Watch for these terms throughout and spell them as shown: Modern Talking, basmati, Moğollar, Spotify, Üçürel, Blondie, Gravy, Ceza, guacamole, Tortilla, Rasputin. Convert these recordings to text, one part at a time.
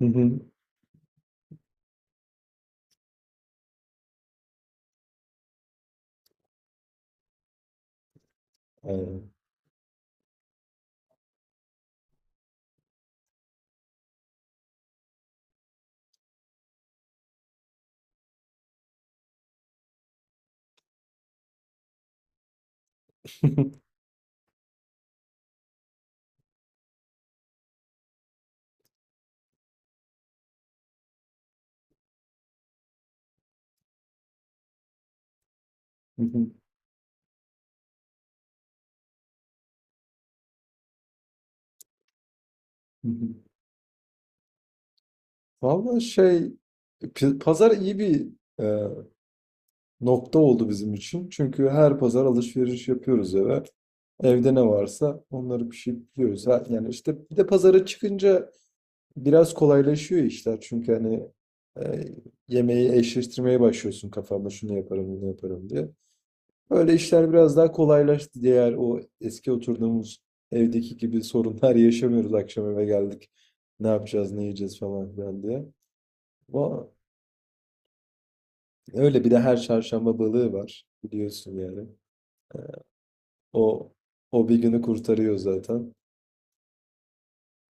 Hı hı. Aynen. Hı hı. Hı hı. Vallahi şey pazar iyi bir e, nokta oldu bizim için. Çünkü her pazar alışveriş yapıyoruz eve. Evde ne varsa onları pişirip yiyoruz. Ha, yani işte bir de pazara çıkınca biraz kolaylaşıyor işler. Çünkü hani e, yemeği eşleştirmeye başlıyorsun kafanda şunu yaparım bunu yaparım diye. Öyle işler biraz daha kolaylaştı, diğer o eski oturduğumuz evdeki gibi sorunlar yaşamıyoruz akşam eve geldik. Ne yapacağız, ne yiyeceğiz falan filan diye. O, öyle bir de her çarşamba balığı var biliyorsun yani. O o bir günü kurtarıyor zaten.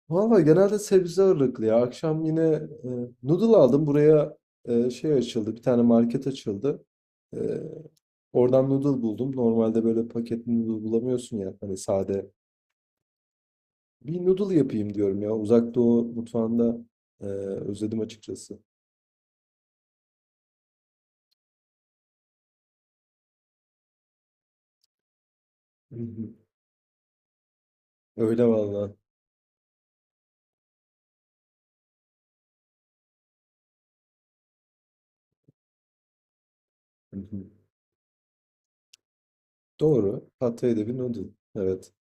Valla genelde sebze ağırlıklı ya. Akşam yine e, noodle aldım. Buraya şey açıldı. Bir tane market açıldı. E, Oradan noodle buldum. Normalde böyle paketli noodle bulamıyorsun ya. Hani sade bir noodle yapayım diyorum ya. Uzak Doğu mutfağında özledim açıkçası. Hı hı. Öyle valla. Hı hı. Doğru. Pad Thai'de bir noodle. Evet.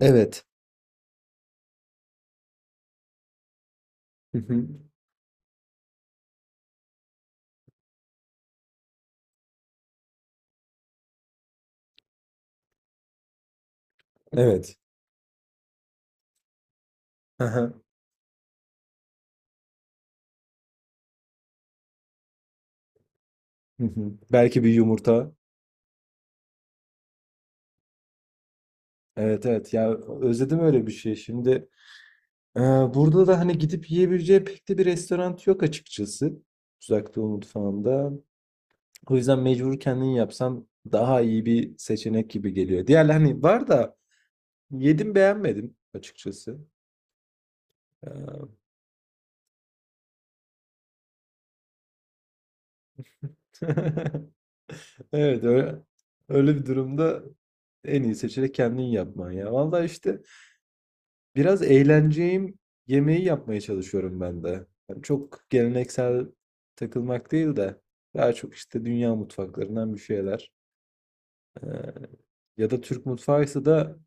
Evet. Hı hı. Evet. Aha. Hı hı. Belki bir yumurta. Evet evet. Ya özledim öyle bir şey. Şimdi e, burada da hani gidip yiyebileceği pek de bir restoran yok açıkçası. Uzak Doğu mutfağında. O yüzden mecbur kendin yapsam daha iyi bir seçenek gibi geliyor. Diğerler hani var da yedim beğenmedim açıkçası. Eee, Evet öyle, öyle bir durumda en iyi seçenek kendin yapman ya. Vallahi işte biraz eğleneceğim yemeği yapmaya çalışıyorum ben de. Yani çok geleneksel takılmak değil de daha çok işte dünya mutfaklarından bir şeyler. Eee, ya da Türk mutfağıysa da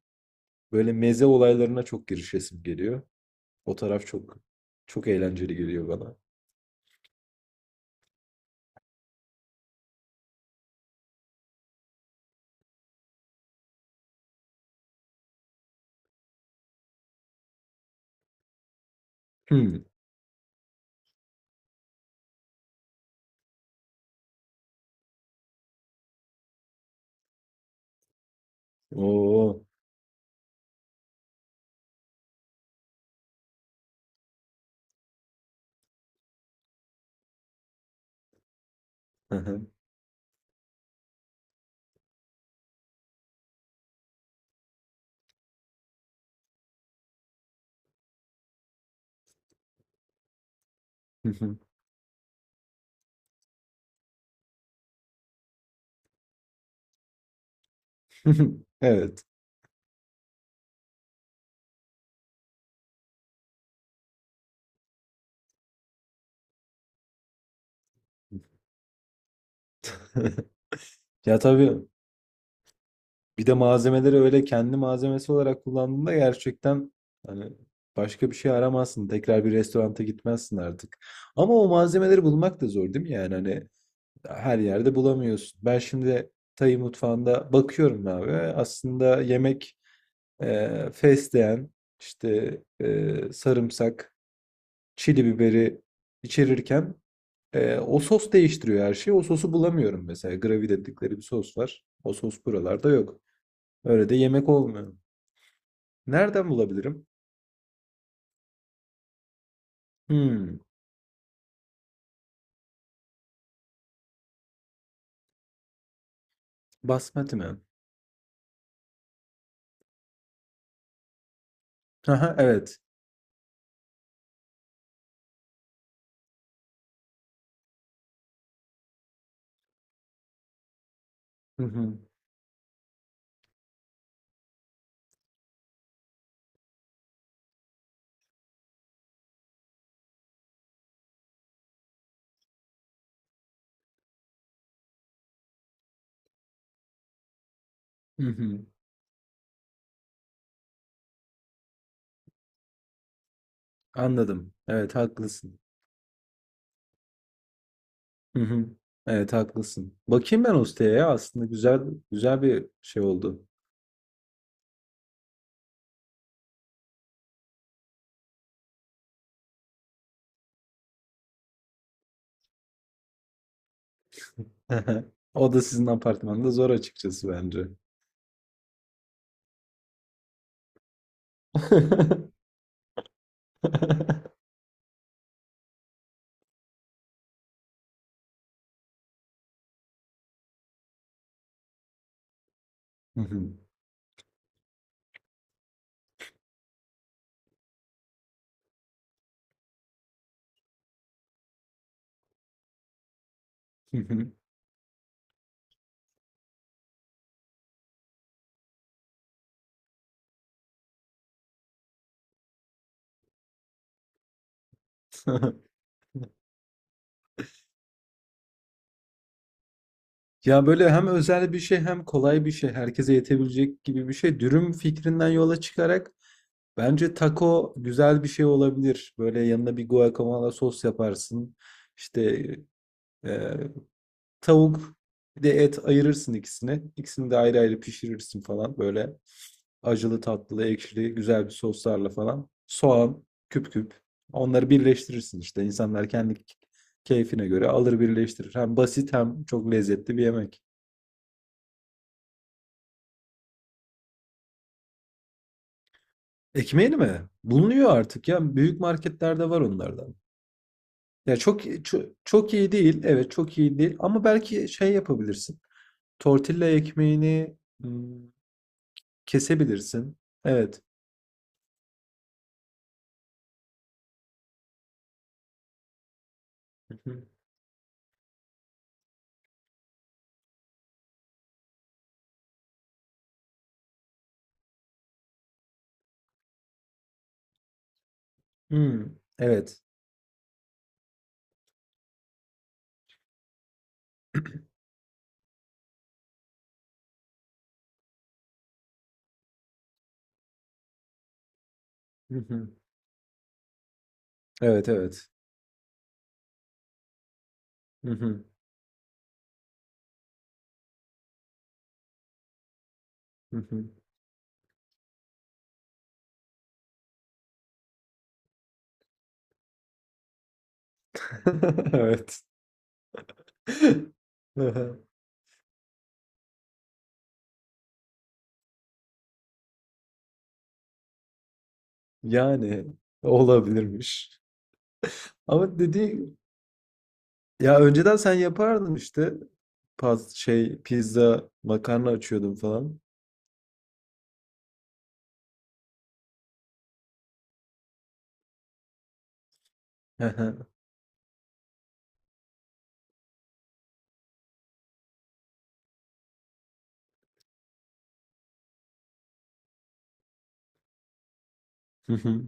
böyle meze olaylarına çok girişesim geliyor. O taraf çok eğlenceli geliyor bana. Hmm. Oo. Hı hı. Evet. Ya tabii bir de malzemeleri öyle kendi malzemesi olarak kullandığında gerçekten hani başka bir şey aramazsın. Tekrar bir restoranta gitmezsin artık. Ama o malzemeleri bulmak da zor değil mi? Yani hani her yerde bulamıyorsun. Ben şimdi Tay mutfağında bakıyorum abi. Aslında yemek fesleğen, işte sarımsak, çili biberi içerirken o sos değiştiriyor her şeyi. O sosu bulamıyorum mesela. Gravy dedikleri bir sos var. O sos buralarda yok. Öyle de yemek olmuyor. Nereden bulabilirim? Hmm, basmati mi? Aha, evet. Hı hı, hı hı. Anladım. Evet haklısın. Hı hı. Evet haklısın. Bakayım ben o siteye ya. Aslında güzel bir şey oldu. O da sizin apartmanda zor açıkçası bence. Hı hı, hı hı. Ya böyle hem özel bir şey, hem kolay bir şey, herkese yetebilecek gibi bir şey. Dürüm fikrinden yola çıkarak bence taco güzel bir şey olabilir. Böyle yanına bir guacamole sos yaparsın. İşte e, tavuk bir de et ayırırsın ikisini. İkisini de ayrı ayrı pişirirsin falan böyle. Acılı, tatlılı, ekşili, güzel bir soslarla falan. Soğan, küp küp. Onları birleştirirsin işte. İnsanlar kendi keyfine göre alır birleştirir. Hem basit hem çok lezzetli bir yemek. Ekmeğini mi? Bulunuyor artık ya. Büyük marketlerde var onlardan. Ya çok çok, çok iyi değil. Evet çok iyi değil. Ama belki şey yapabilirsin. Tortilla ekmeğini hmm, kesebilirsin. Evet. Hı hı. Hmm, evet. Hı hı. Evet evet. Hı hı. Hı hı. Evet. Hı, yani olabilirmiş. Ama dedi ya önceden sen yapardın işte. Paz, şey pizza makarna açıyordun falan. Hı hı. Hı hı.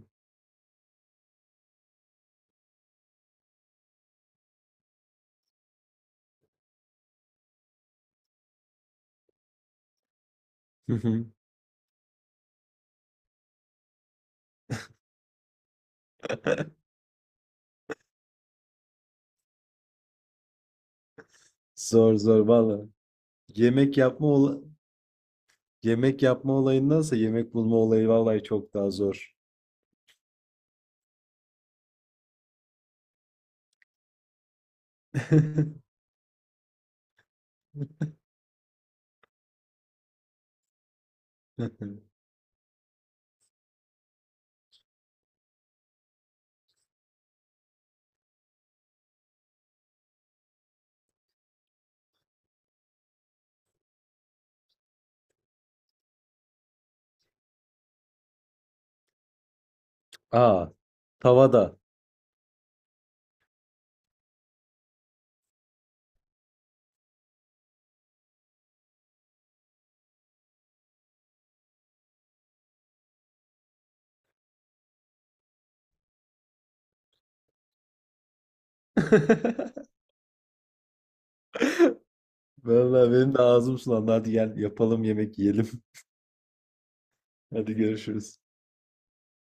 Zor zor valla. Yemek yapma ola- Yemek yapma olayındansa yemek bulma olayı vallahi çok daha zor. Aa, tavada. Vallahi benim de ağzım sulandı. Hadi gel yapalım yemek yiyelim. Hadi görüşürüz.